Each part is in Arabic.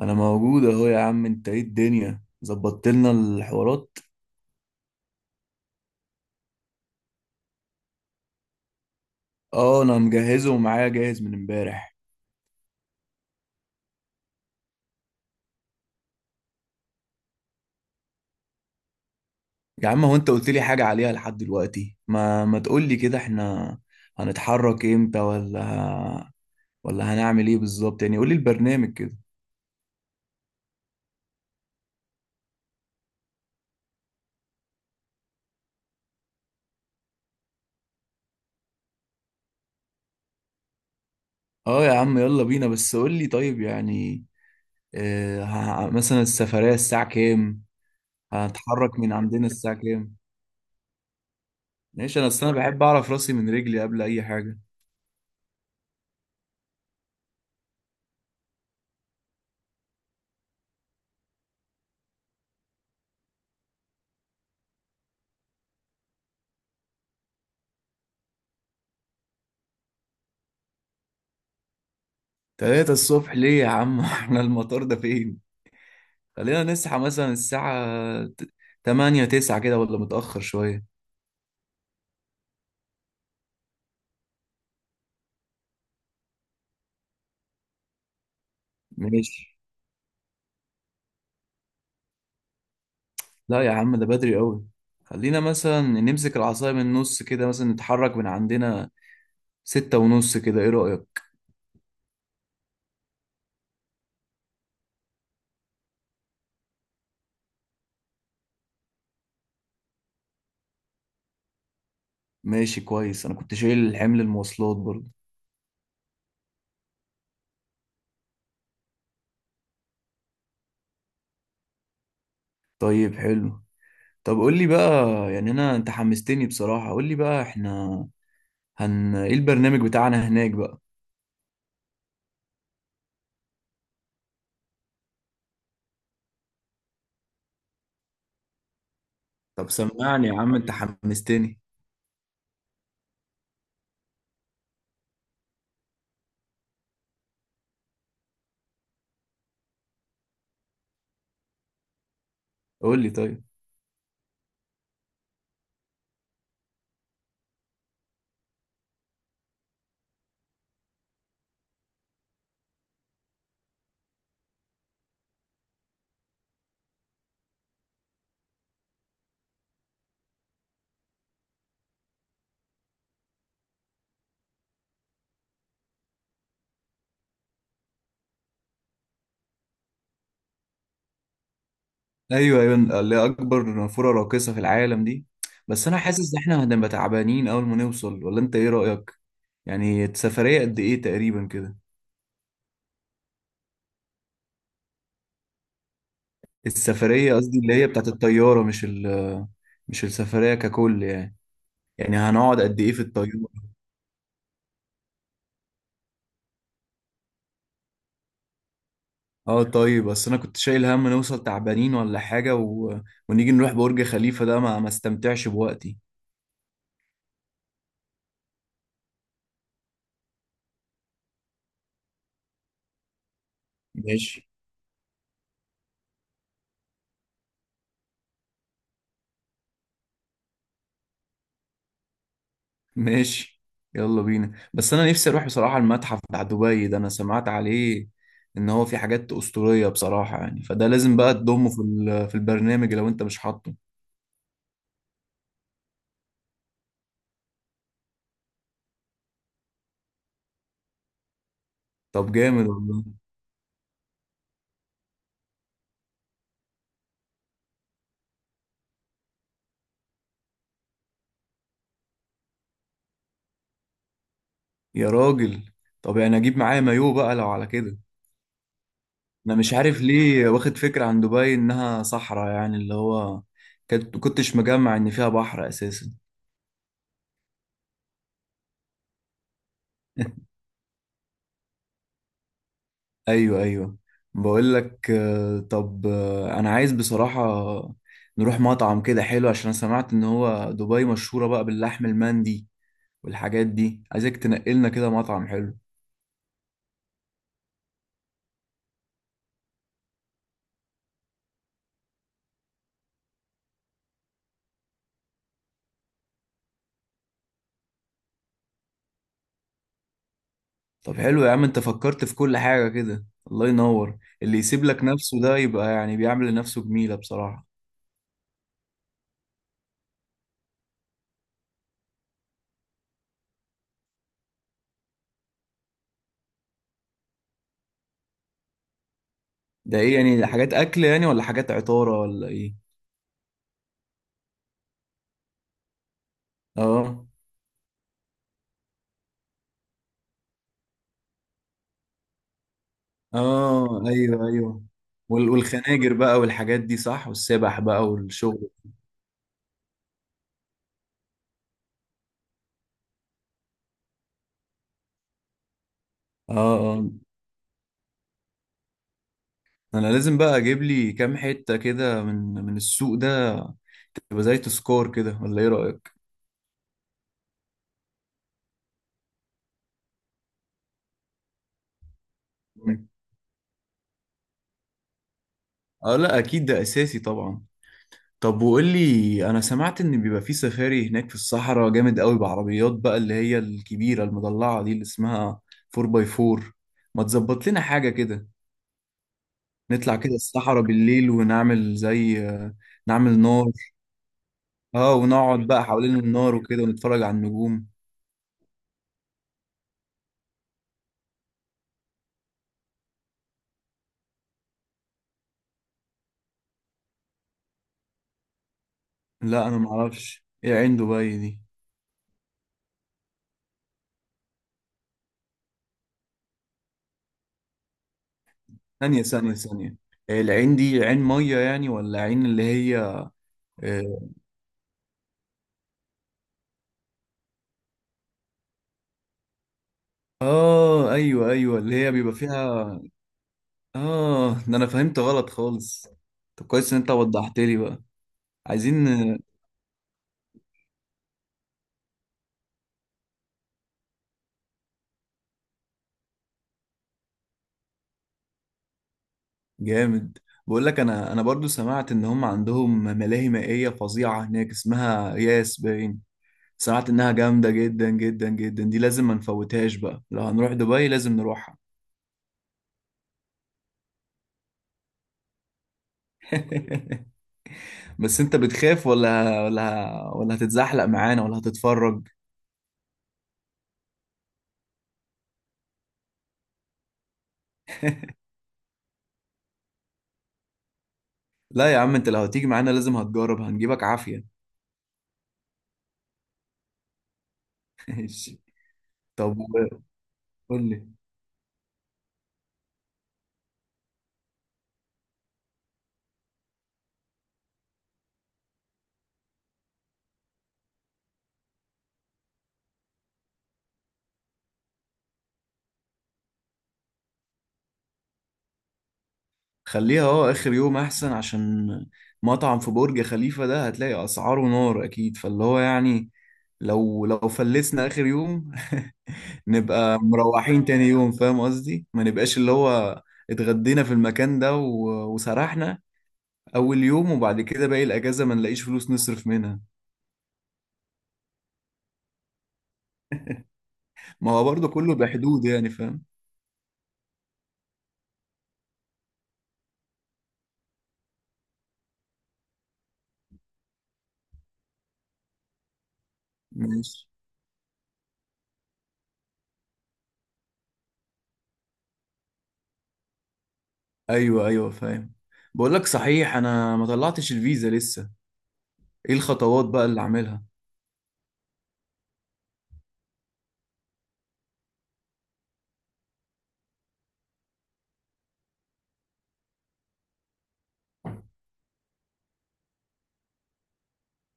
انا موجود اهو يا عم. انت ايه؟ الدنيا ظبطت لنا الحوارات؟ اه انا مجهزه ومعايا جاهز من امبارح. يا عم هو انت قلت لي حاجه عليها لحد دلوقتي؟ ما تقول لي كده احنا هنتحرك امتى؟ ولا هنعمل ايه بالظبط؟ يعني قول لي البرنامج كده. اه يا عم يلا بينا، بس قول لي طيب يعني. مثلا السفريه الساعه كام؟ هنتحرك من عندنا الساعه كام؟ ماشي، انا اصل انا بحب اعرف راسي من رجلي قبل اي حاجه. تلاتة الصبح ليه يا عم؟ احنا المطار ده فين؟ خلينا نسعى مثلا الساعة تمانية تسعة كده، ولا متأخر شوية؟ ماشي. لا يا عم ده بدري قوي. خلينا مثلا نمسك العصاية من النص كده، مثلا نتحرك من عندنا ستة ونص كده، ايه رأيك؟ ماشي كويس. أنا كنت شايل حمل المواصلات برضه. طيب حلو. طب قول لي بقى، يعني أنا أنت حمستني بصراحة. قول لي بقى إحنا هن إيه البرنامج بتاعنا هناك بقى؟ طب سمعني يا عم، أنت حمستني. قول لي طيب. ايوه ايوه، اللي هي اكبر نافوره راقصه في العالم دي. بس انا حاسس ان احنا هنبقى تعبانين اول ما نوصل، ولا انت ايه رايك؟ يعني السفريه قد ايه تقريبا كده؟ السفريه قصدي اللي هي بتاعت الطياره، مش ال، مش السفريه ككل يعني. يعني هنقعد قد ايه في الطياره؟ اه طيب، بس انا كنت شايل هم نوصل تعبانين ولا حاجه، و... ونيجي نروح برج خليفه ده ما استمتعش بوقتي. ماشي ماشي. يلا بينا، بس انا نفسي اروح بصراحة المتحف بتاع دبي ده، انا سمعت عليه ان هو في حاجات اسطورية بصراحة يعني. فده لازم بقى تضمه في في البرنامج لو انت مش حاطه. طب جامد والله. يا راجل، طب يعني اجيب معايا مايو بقى لو على كده؟ انا مش عارف ليه واخد فكرة عن دبي انها صحراء، يعني اللي هو كنت كنتش مجمع ان فيها بحر اساسا. ايوه ايوه. بقول لك آه، طب آه، انا عايز بصراحة نروح مطعم كده حلو، عشان انا سمعت ان هو دبي مشهورة بقى باللحم المندي والحاجات دي. عايزك تنقلنا كده مطعم حلو. طب حلو يا عم، انت فكرت في كل حاجة كده. الله ينور. اللي يسيب لك نفسه ده يبقى يعني بيعمل لنفسه جميلة بصراحة. ده ايه يعني؟ حاجات اكل يعني، ولا حاجات عطارة، ولا ايه؟ اه. اه ايوه ايوه، والخناجر بقى والحاجات دي، صح، والسبح بقى والشغل. اه. اه انا لازم بقى اجيب لي كام حتة كده من السوق ده، تبقى زي تذكار كده، ولا ايه رأيك؟ مم. اه لا اكيد ده اساسي طبعا. طب وقول لي، انا سمعت ان بيبقى في سفاري هناك في الصحراء جامد قوي، بعربيات بقى اللي هي الكبيرة المضلعة دي اللي اسمها 4x4. ما تظبط لنا حاجة كده؟ نطلع كده الصحراء بالليل ونعمل زي، نعمل نار. اه ونقعد بقى حوالين النار وكده ونتفرج على النجوم. لا انا معرفش ايه عين دبي دي. ثانية ثانية ثانية، العين دي عين مية يعني، ولا عين اللي هي؟ اه آه، ايوه ايوه، اللي هي بيبقى فيها. اه ده انا فهمت غلط خالص. طب كويس ان انت وضحت لي بقى. عايزين. جامد. بقول لك، انا برضو سمعت ان هم عندهم ملاهي مائية فظيعة هناك، اسمها ياس باين. سمعت انها جامدة جدا جدا جدا. دي لازم ما نفوتهاش بقى. لو هنروح دبي لازم نروحها. بس انت بتخاف، ولا هتتزحلق معانا، ولا هتتفرج؟ لا يا عم، انت لو هتيجي معانا لازم هتجرب. هنجيبك عافية. ماشي. طب قول لي. خليها اه اخر يوم احسن، عشان مطعم في برج خليفة ده هتلاقي اسعاره نار اكيد، فاللي هو يعني لو فلسنا اخر يوم نبقى مروحين تاني يوم. فاهم قصدي؟ ما نبقاش اللي هو اتغدينا في المكان ده وسرحنا اول يوم، وبعد كده باقي الاجازة ما نلاقيش فلوس نصرف منها. ما هو برضه كله بحدود يعني، فاهم؟ ماشي. ايوه ايوه فاهم. بقول لك صحيح، انا ما طلعتش الفيزا لسه. ايه الخطوات بقى اللي اعملها؟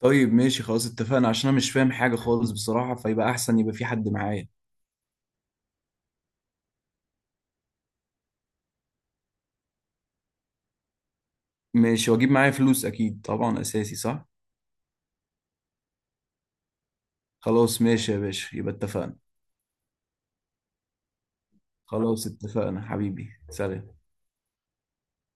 طيب ماشي خلاص، اتفقنا. عشان انا مش فاهم حاجه خالص بصراحه، فيبقى احسن يبقى في حد معايا. ماشي. واجيب معايا فلوس اكيد طبعا، اساسي، صح؟ خلاص ماشي يا باشا، يبقى اتفقنا. خلاص اتفقنا حبيبي، سلام.